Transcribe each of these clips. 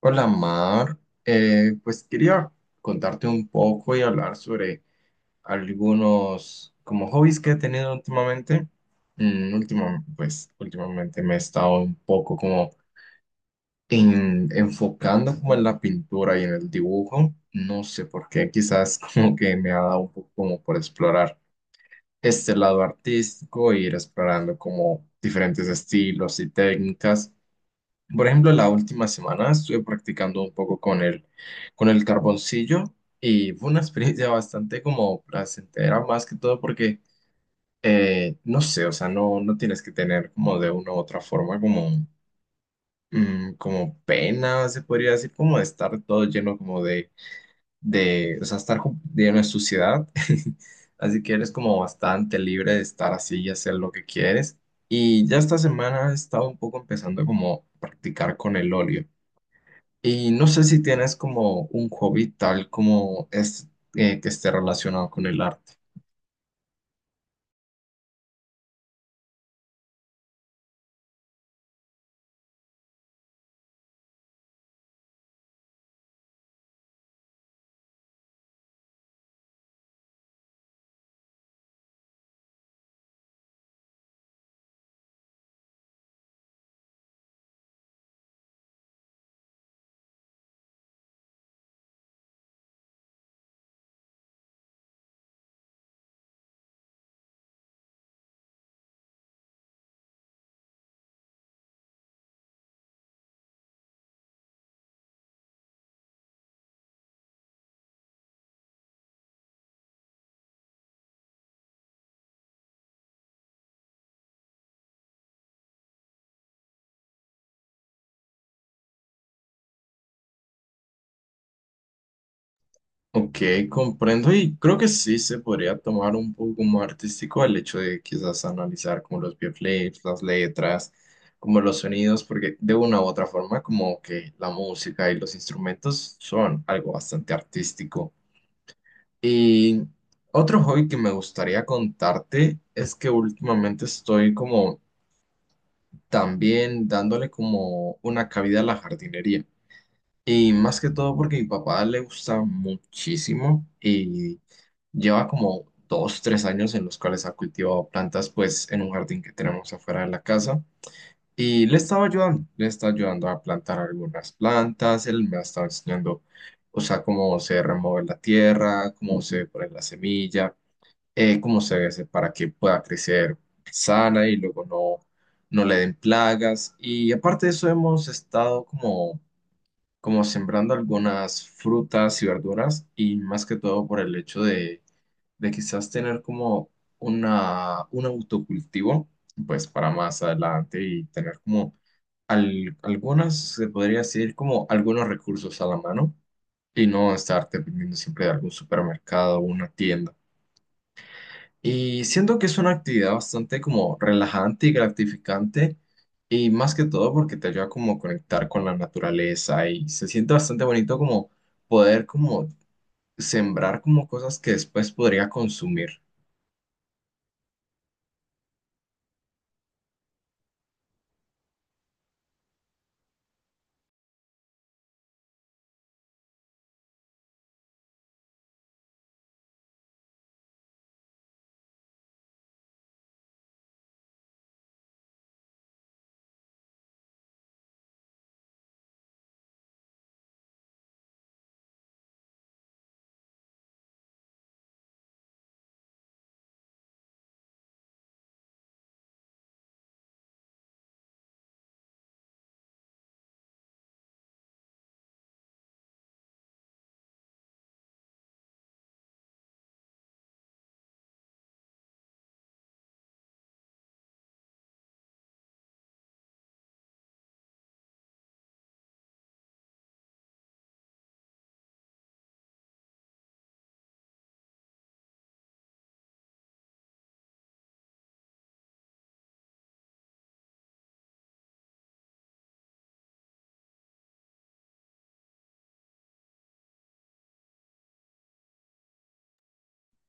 Hola Mar, pues quería contarte un poco y hablar sobre algunos como hobbies que he tenido últimamente. Pues últimamente me he estado un poco como enfocando como en la pintura y en el dibujo. No sé por qué, quizás como que me ha dado un poco como por explorar este lado artístico e ir explorando como diferentes estilos y técnicas. Por ejemplo, la última semana estuve practicando un poco con el carboncillo y fue una experiencia bastante como placentera, más que todo porque, no sé, o sea, no tienes que tener como de una u otra forma como como pena, se podría decir, como de estar todo lleno como de o sea, lleno de suciedad. Así que eres como bastante libre de estar así y hacer lo que quieres. Y ya esta semana he estado un poco empezando como a practicar con el óleo. Y no sé si tienes como un hobby tal como es que esté relacionado con el arte. Ok, comprendo y creo que sí se podría tomar un poco más artístico el hecho de quizás analizar como los videoclips, las letras, como los sonidos, porque de una u otra forma como que la música y los instrumentos son algo bastante artístico. Y otro hobby que me gustaría contarte es que últimamente estoy como también dándole como una cabida a la jardinería. Y más que todo porque mi papá le gusta muchísimo y lleva como dos, tres años en los cuales ha cultivado plantas pues en un jardín que tenemos afuera de la casa. Y le está ayudando a plantar algunas plantas, él me ha estado enseñando, o sea, cómo se remueve la tierra, cómo se pone la semilla, cómo se debe hacer para que pueda crecer sana y luego no le den plagas. Y aparte de eso, hemos estado como sembrando algunas frutas y verduras y más que todo por el hecho de quizás tener como un autocultivo, pues para más adelante y tener como algunas, se podría decir, como algunos recursos a la mano. Y no estar dependiendo siempre de algún supermercado o una tienda. Y siento que es una actividad bastante como relajante y gratificante, y más que todo porque te ayuda como a conectar con la naturaleza y se siente bastante bonito como poder como sembrar como cosas que después podría consumir,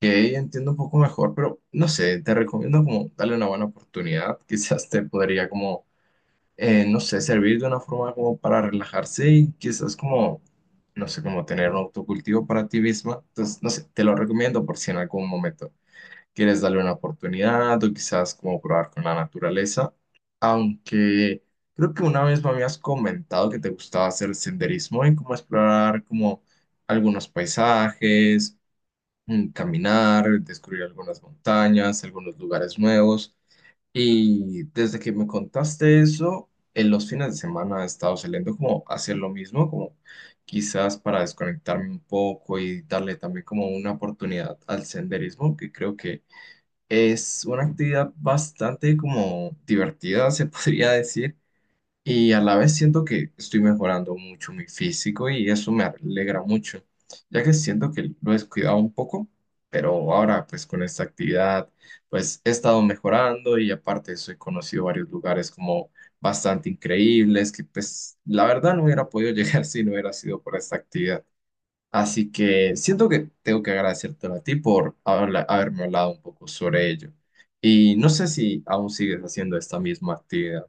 que entiendo un poco mejor, pero no sé, te recomiendo como darle una buena oportunidad, quizás te podría como no sé, servir de una forma como para relajarse y quizás como no sé, como tener un autocultivo para ti misma. Entonces, no sé, te lo recomiendo por si en algún momento quieres darle una oportunidad o quizás como probar con la naturaleza. Aunque creo que una vez me habías comentado que te gustaba hacer senderismo y como explorar como algunos paisajes, caminar, descubrir algunas montañas, algunos lugares nuevos. Y desde que me contaste eso, en los fines de semana he estado saliendo como a hacer lo mismo, como quizás para desconectarme un poco y darle también como una oportunidad al senderismo, que creo que es una actividad bastante como divertida, se podría decir, y a la vez siento que estoy mejorando mucho mi físico y eso me alegra mucho, ya que siento que lo he descuidado un poco, pero ahora pues con esta actividad pues he estado mejorando y aparte soy conocido varios lugares como bastante increíbles que pues la verdad no hubiera podido llegar si no hubiera sido por esta actividad. Así que siento que tengo que agradecértelo a ti por haberme hablado un poco sobre ello. Y no sé si aún sigues haciendo esta misma actividad.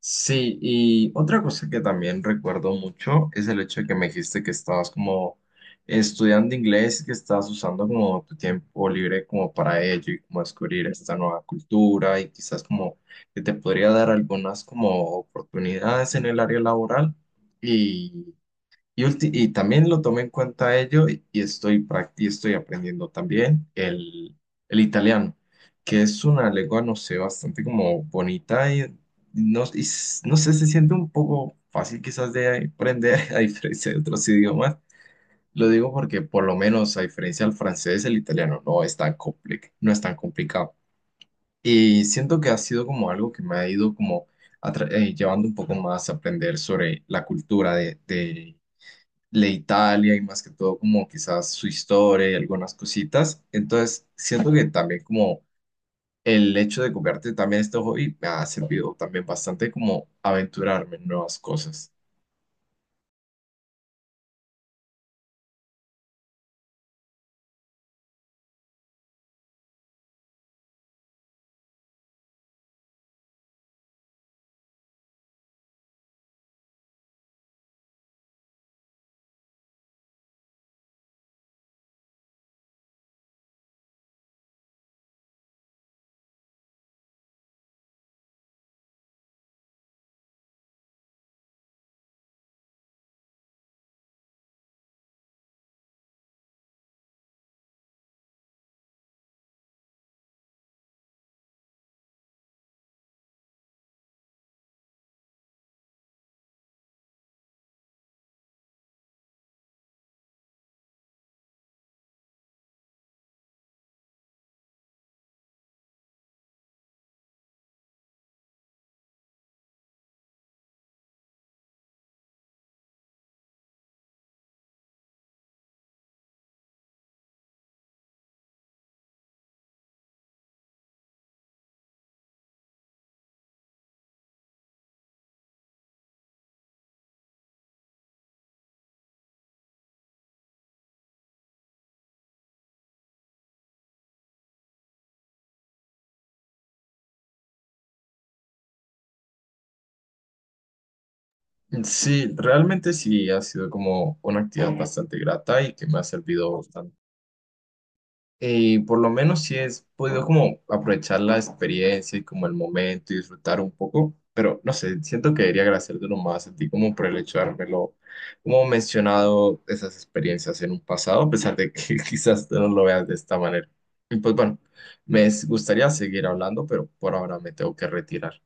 Sí, y otra cosa que también recuerdo mucho es el hecho de que me dijiste que estabas como estudiando inglés y que estabas usando como tu tiempo libre como para ello y como descubrir esta nueva cultura y quizás como que te podría dar algunas como oportunidades en el área laboral. Y también lo tomé en cuenta ello y y estoy aprendiendo también el italiano, que es una lengua, no sé, bastante como bonita y no sé, se siente un poco fácil quizás de aprender a diferencia de otros idiomas. Lo digo porque por lo menos a diferencia del francés, el italiano no es tan complicado. Y siento que ha sido como algo que me ha ido como llevando un poco más a aprender sobre la cultura de Italia y más que todo como quizás su historia y algunas cositas. Entonces, siento que también como el hecho de copiarte también este hobby me ha servido también bastante como aventurarme en nuevas cosas. Sí, realmente sí ha sido como una actividad bastante grata y que me ha servido. Y por lo menos sí es podido como aprovechar la experiencia y como el momento y disfrutar un poco, pero no sé, siento que debería agradecértelo más a ti como por el hecho de haberlo, como mencionado esas experiencias en un pasado, a pesar de que quizás tú no lo veas de esta manera. Y pues bueno, me gustaría seguir hablando, pero por ahora me tengo que retirar.